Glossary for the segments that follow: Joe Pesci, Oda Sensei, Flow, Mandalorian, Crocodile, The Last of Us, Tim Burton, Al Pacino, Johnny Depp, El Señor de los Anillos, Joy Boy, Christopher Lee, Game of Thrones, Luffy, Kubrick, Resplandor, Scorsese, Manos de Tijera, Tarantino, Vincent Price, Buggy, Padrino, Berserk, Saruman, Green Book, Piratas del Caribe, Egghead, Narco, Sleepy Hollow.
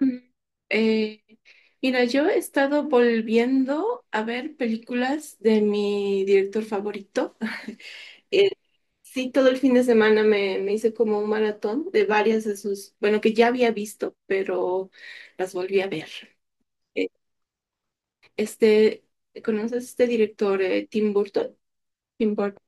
Mm, eh, mira, yo he estado volviendo a ver películas de mi director favorito. Eh, sí, todo el fin de semana me hice como un maratón de varias de sus, bueno, que ya había visto, pero las volví a ver. Eh, Este, ¿Conoces este director, Tim Burton? Tim Burton.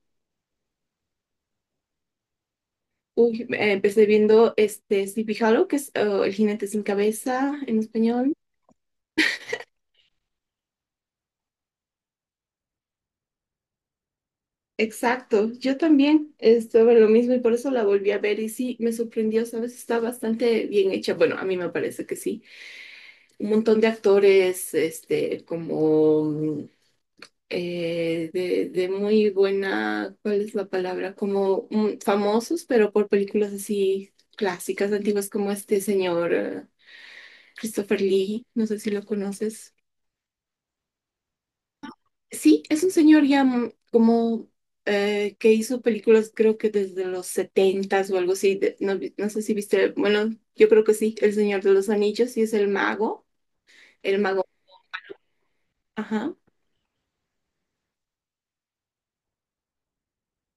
Uy, empecé viendo este Sleepy Hollow, que es el jinete sin cabeza en español. Exacto, yo también estuve en lo mismo y por eso la volví a ver y sí, me sorprendió, ¿sabes? Está bastante bien hecha. Bueno, a mí me parece que sí. Un montón de actores, este, como de muy buena, ¿cuál es la palabra? Como famosos, pero por películas así clásicas, antiguas, como este señor Christopher Lee, no sé si lo conoces. Sí, es un señor ya como que hizo películas creo que desde los setentas o algo así. No sé si viste, bueno, yo creo que sí, El Señor de los Anillos, y es el mago, ajá,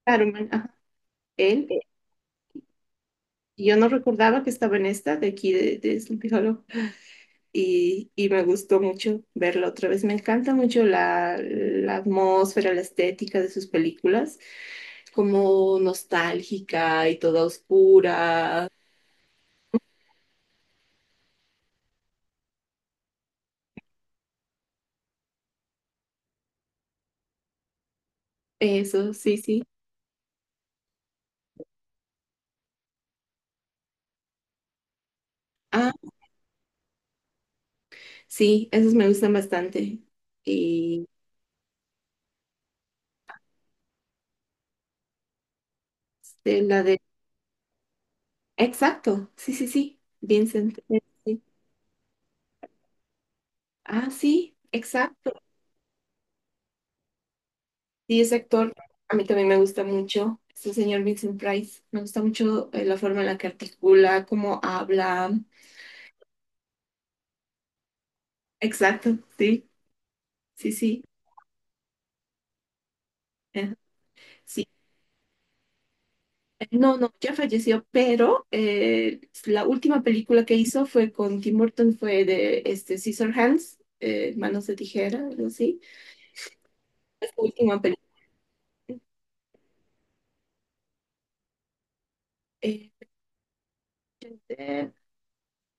Saruman, ajá, él. Yo no recordaba que estaba en esta de aquí de Sleepy Hollow y me gustó mucho verlo otra vez. Me encanta mucho la atmósfera, la estética de sus películas, como nostálgica y toda oscura. Eso, sí, sí. Ah, sí, esos me gustan bastante. Y este, la de... Exacto, sí, sí, sí, Vincent. Sí. Ah, sí, exacto. Sí, ese actor a mí también me gusta mucho. Este señor Vincent Price. Me gusta mucho la forma en la que articula, cómo habla. Exacto, sí, sí, sí. eh, Sí, no, no, ya falleció, pero la última película que hizo fue con Tim Burton, fue de este, Hands Manos de Tijera, algo así. Esta última. Este,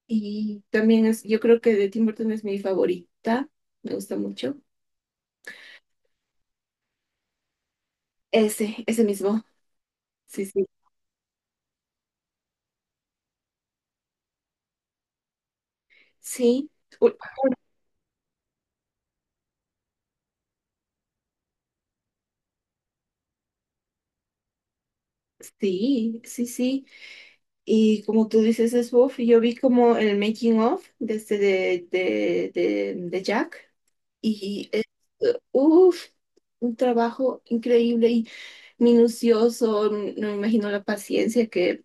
y también es, yo creo que de Tim Burton es mi favorita, me gusta mucho. Ese mismo. Sí, sí. Sí, u- sí, sí, sí. Y como tú dices, es Wolf, yo vi como el making of de este de Jack. Y es, uff, un trabajo increíble y minucioso. No me imagino la paciencia que,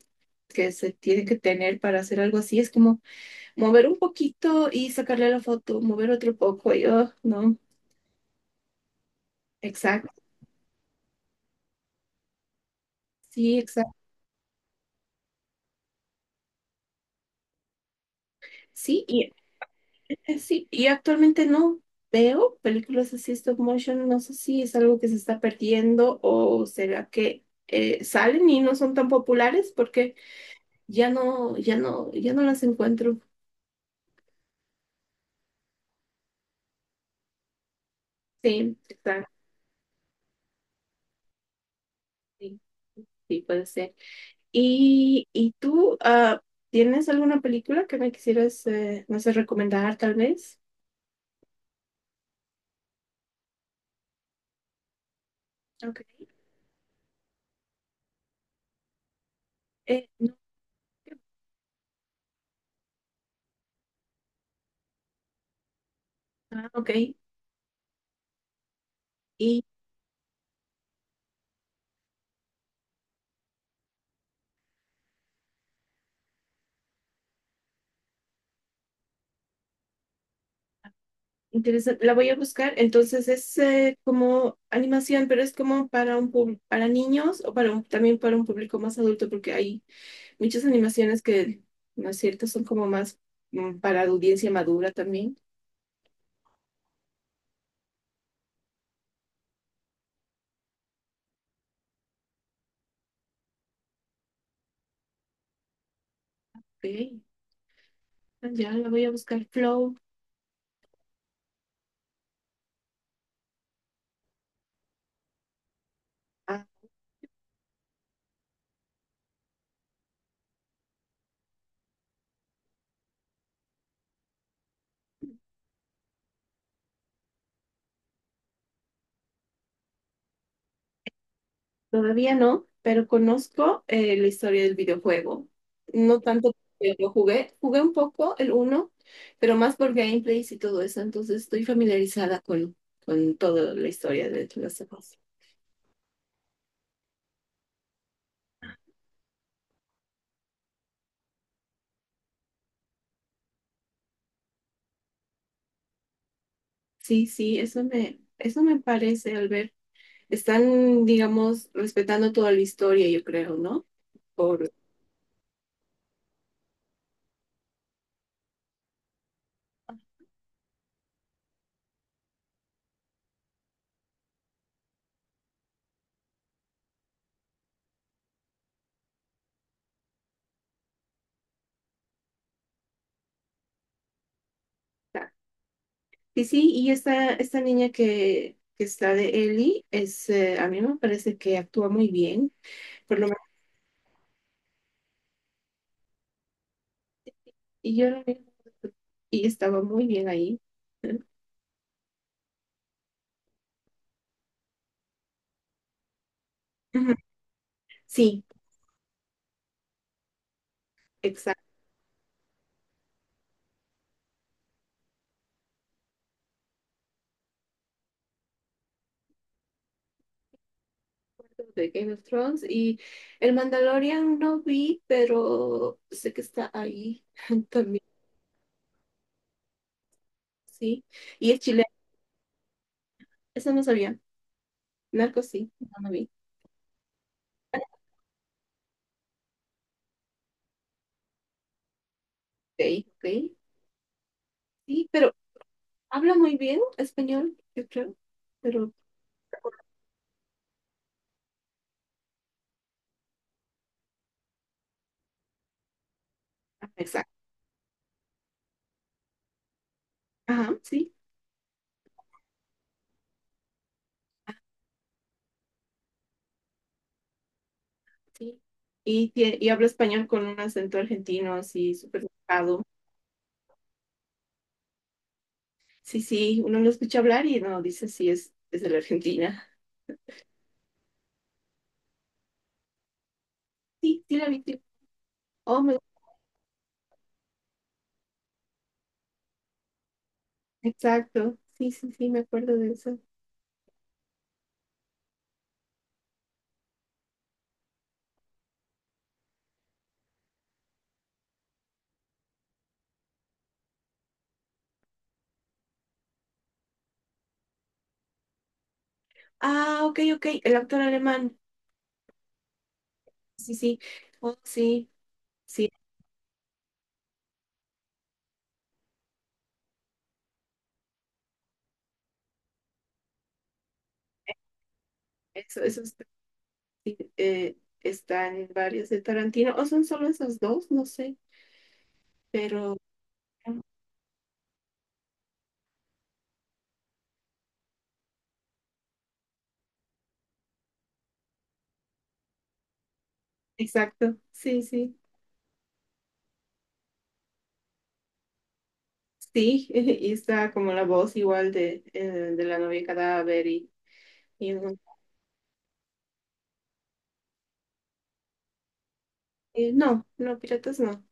que se tiene que tener para hacer algo así. Es como mover un poquito y sacarle la foto, mover otro poco, y, oh, no, exacto, sí, exacto, sí, y, sí, y actualmente no veo películas así stop motion, no sé si es algo que se está perdiendo o será que salen y no son tan populares porque ya no, ya no, ya no las encuentro, sí, exacto, sí, sí, puede ser. ¿Y tú, ah, tienes alguna película que me quisieras, no sé, recomendar tal vez? Ok. Eh. Ah, ok. Y interesante. La voy a buscar. Entonces es como animación, pero es como para para niños o para también para un público más adulto, porque hay muchas animaciones que, ¿no es cierto? Son como más para audiencia madura también. Ok. Ah, ya la voy a buscar. Flow. Ah, todavía no, pero conozco la historia del videojuego. No tanto porque jugué un poco el uno, pero más por gameplays y todo eso, entonces estoy familiarizada con toda la historia de The Last of Us. Sí, sí, eso me parece, al ver. Están, digamos, respetando toda la historia, yo creo, ¿no? Por... Sí, sí, y esta niña que está de Ellie, es, a mí me parece que actúa muy bien. Por lo. Y yo la vi y estaba muy bien ahí. Ujú. Sí. Exacto, de Game of Thrones. Y el Mandalorian no vi, pero sé que está ahí también, sí. Y es chileno, eso no sabía. Narco sí, no lo vi. Ok, ok. Sí, pero habla muy bien español, yo creo. Pero, ah, exacto. Ajá, sí, sí. Y, y habla español con un acento argentino así, súper marcado. Sí, sí, uno lo escucha hablar y no dice sí, es de la Argentina. Sí, sí, la vi. Sí. Oh, me- exacto. Sí, sí, sí, me acuerdo de eso. Ah, ok, ok, el actor alemán. Sí, sí. Oh, sí, sí, eso está, sí, está en varios de Tarantino. O son solo esos dos, no sé, pero exacto. Sí, sí. Sí, y está como la voz igual de la novia cadáver y no. No, no, piratas no.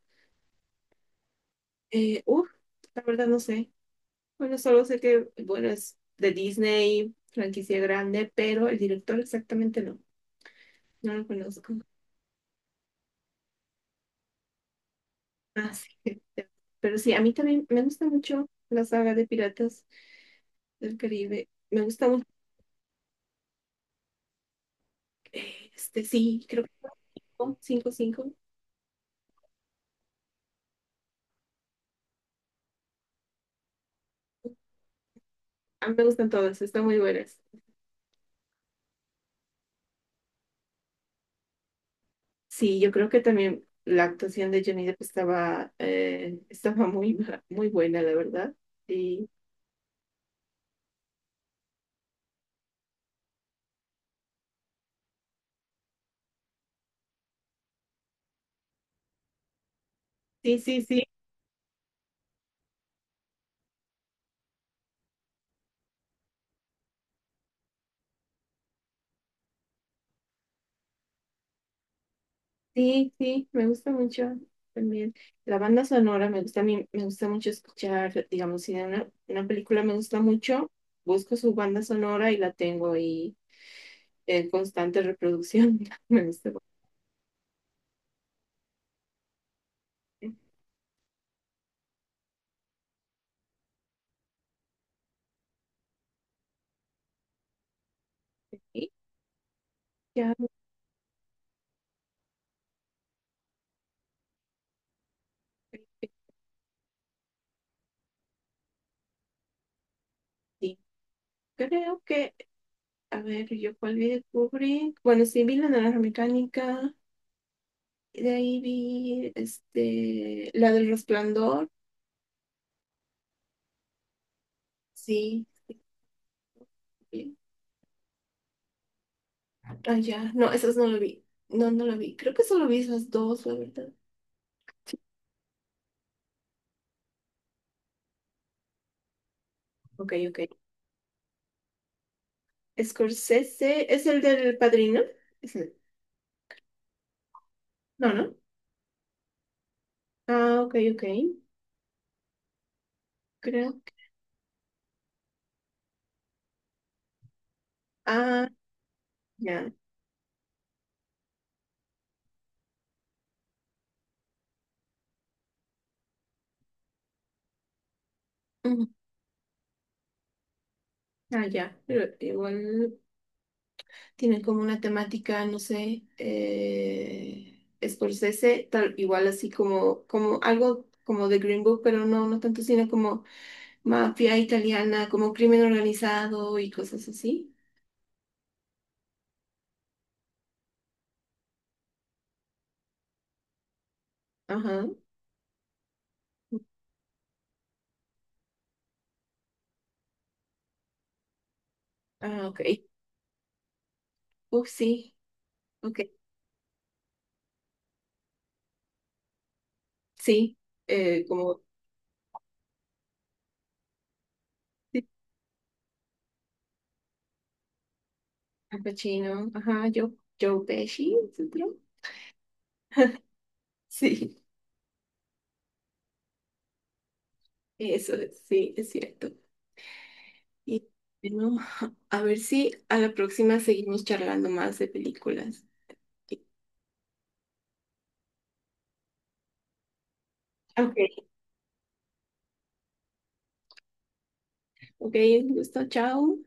Eh, uf, la verdad no sé. Bueno, solo sé que, bueno, es de Disney, franquicia grande, pero el director exactamente no, no lo conozco. Así que, pero sí, a mí también me gusta mucho la saga de Piratas del Caribe. Me gusta mucho, sí, creo que 5. 5. A mí me gustan todas, están muy buenas. Sí, yo creo que también la actuación de Johnny Depp estaba, estaba muy, muy buena, la verdad. Sí. Sí, sí, sí. Sí, sí, me gusta mucho también. La banda sonora me gusta a mí, me gusta mucho escuchar, digamos, si de una película me gusta mucho, busco su banda sonora y la tengo ahí en constante reproducción. Me gusta bastante. Y ya, sí, creo que, a ver, yo cuál vi de Kubrick. Bueno, sí, vi La Naranja Mecánica, y de ahí vi, este, la del Resplandor, sí. Bien. Ah, ya, no, esas no lo vi. No, no lo vi. Creo que solo vi esas dos, la verdad. Ok, ok. Scorsese es el del Padrino. Es el- No, no. Ah, ok, ok. Creo que. Ah, ya. Ujú. Ah, ya. Pero igual tiene como una temática, no sé. Scorsese, tal, igual así como, como algo como de Green Book, pero no, no tanto, sino como mafia italiana, como crimen organizado y cosas así. Ajá. Ah, ok. Uf, sí. Ok. Sí. Como. Al Pacino, ajá, Joe, Joe Pesci, ¿es el otro? Sí. Eso, es, sí, es cierto. Y bueno, a ver si a la próxima seguimos charlando más de películas. Ok, ok, un gusto, chao.